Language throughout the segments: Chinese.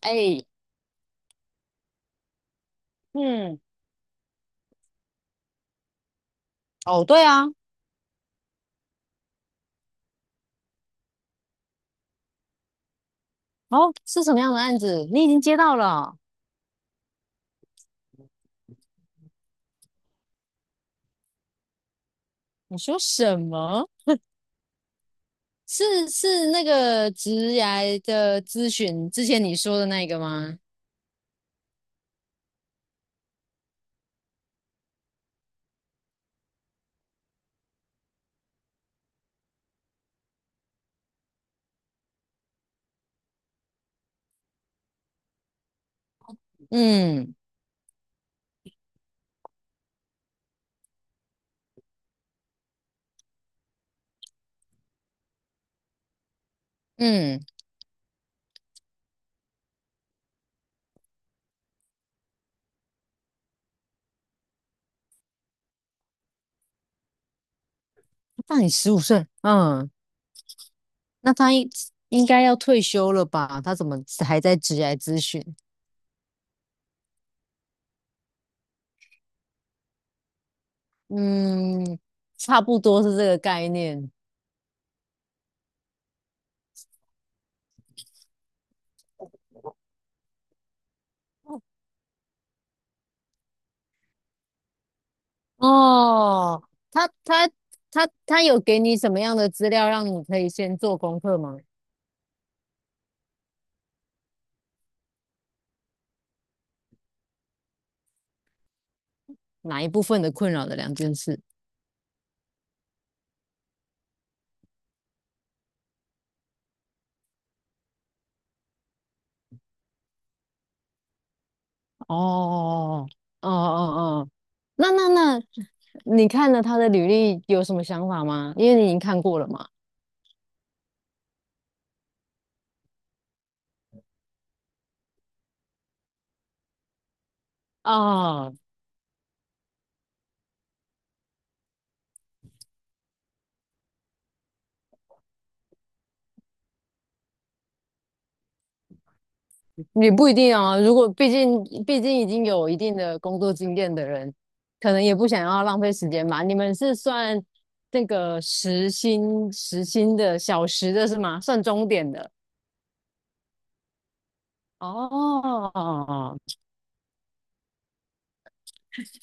哎，嗯，哦，对啊，哦，是什么样的案子？你已经接到了？你说什么？是那个职涯的咨询之前你说的那个吗？嗯嗯，他大你十五岁，嗯，那应该要退休了吧？他怎么还在职涯咨询？嗯，差不多是这个概念。哦，他他他有给你什么样的资料让你可以先做功课吗？哪一部分的困扰的两件事。哦哦哦哦，那，你看了他的履历有什么想法吗？因为你已经看过了嘛。啊，也不一定啊，如果毕竟已经有一定的工作经验的人，可能也不想要浪费时间吧。你们是算那个时薪的小时的是吗？算钟点的。哦，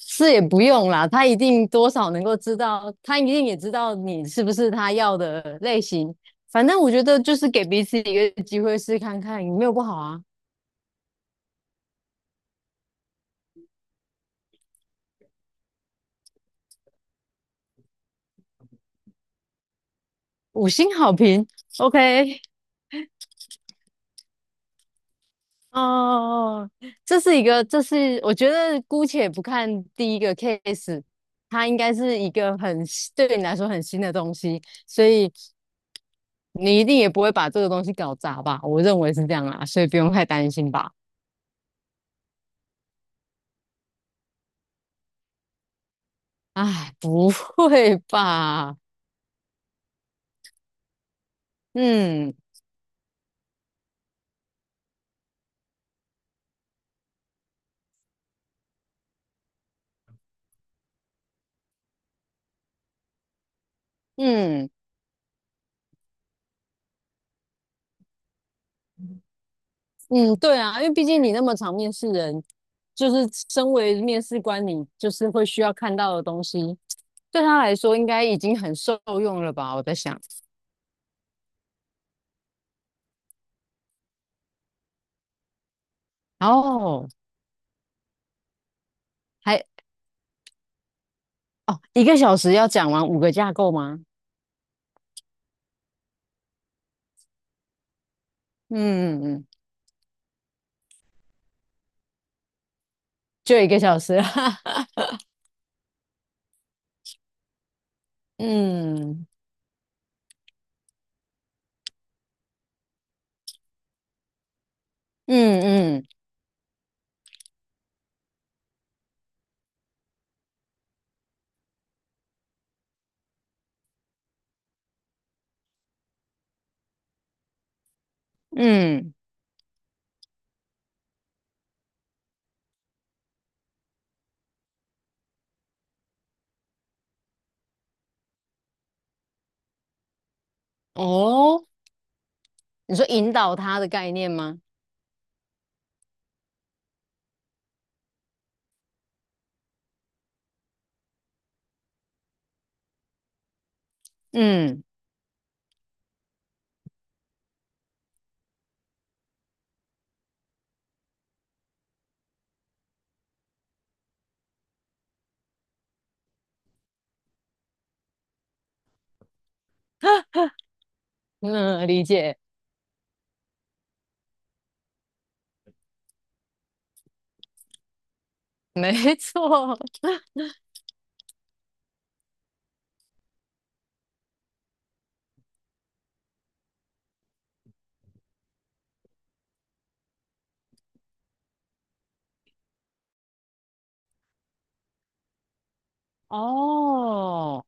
是也不用啦，他一定多少能够知道，他一定也知道你是不是他要的类型。反正我觉得就是给彼此一个机会试看看，有没有不好啊？五星好评，OK，哦，这是我觉得姑且不看第一个 case，它应该是一个很新对你来说很新的东西，所以你一定也不会把这个东西搞砸吧？我认为是这样啦，所以不用太担心吧。哎，不会吧？嗯嗯嗯，对啊，因为毕竟你那么常面试人，就是身为面试官，你就是会需要看到的东西，对他来说应该已经很受用了吧？我在想，哦，还哦，一个小时要讲完五个架构吗？嗯嗯嗯，就一个小时，哈哈，嗯嗯嗯嗯，哦，你说引导他的概念吗？嗯嗯，理解，没错，哦。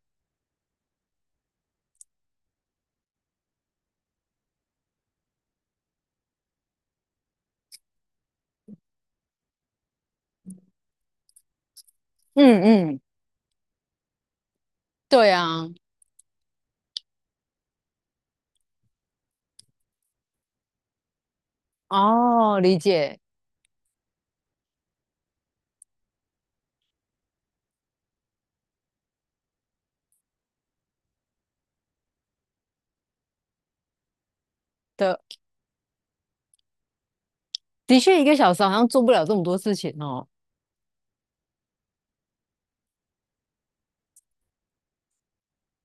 嗯嗯，对啊，哦，理解的，确，一个小时好像做不了这么多事情哦。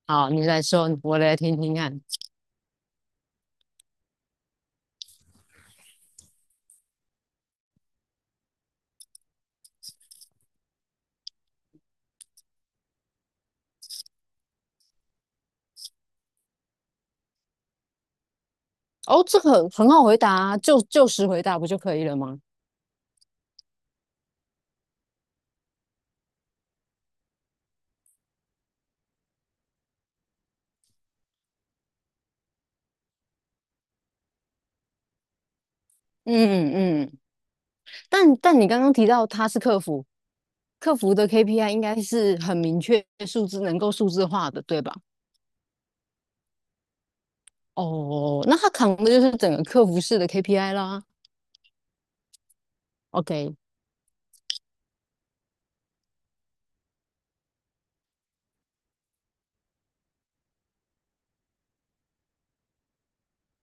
好，你来说，我来听听看。哦，这个很好回答啊，就实回答不就可以了吗？嗯嗯嗯，但你刚刚提到他是客服，客服的 KPI 应该是很明确数字，能够数字化的，对吧？哦，那他扛的就是整个客服式的 KPI 啦。OK，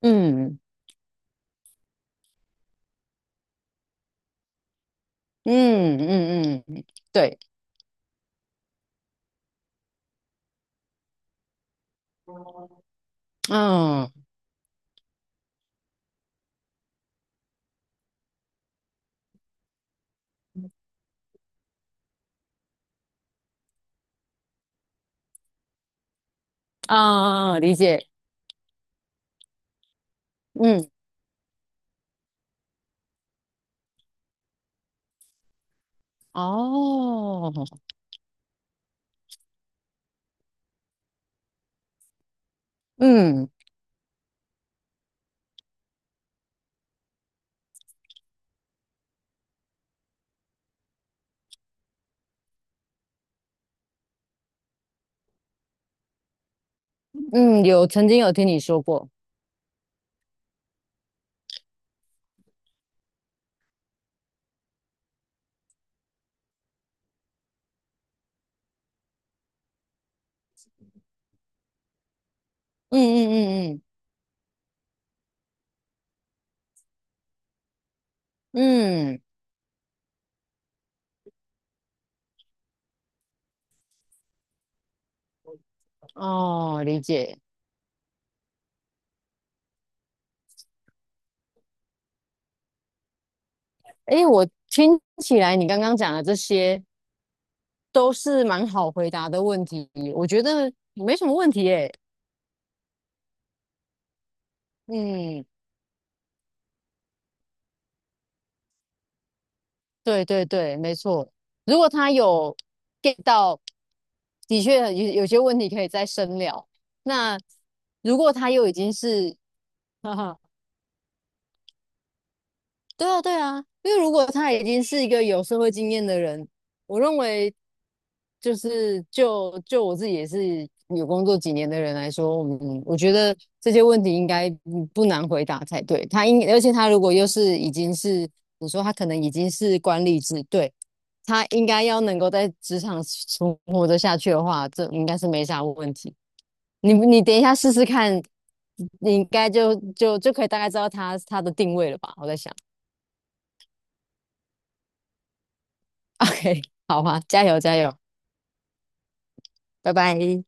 嗯嗯嗯嗯，对，嗯啊，理解。嗯，哦，嗯嗯，曾经有听你说过，嗯嗯嗯嗯嗯，哦，理解。诶，我听起来你刚刚讲的这些都是蛮好回答的问题，我觉得没什么问题诶。嗯，对对对，没错。如果他有 get 到，的确有些问题可以再深聊。那如果他又已经是 哈哈。对啊，对啊，因为如果他已经是一个有社会经验的人，我认为就是我自己也是有工作几年的人来说，我觉得这些问题应该不难回答才对。而且他如果又是已经是你说他可能已经是管理职，对，他应该要能够在职场存活得下去的话，这应该是没啥问题。你等一下试试看，你应该就可以大概知道他的定位了吧？我在想。OK，好啊，加油加油，拜拜。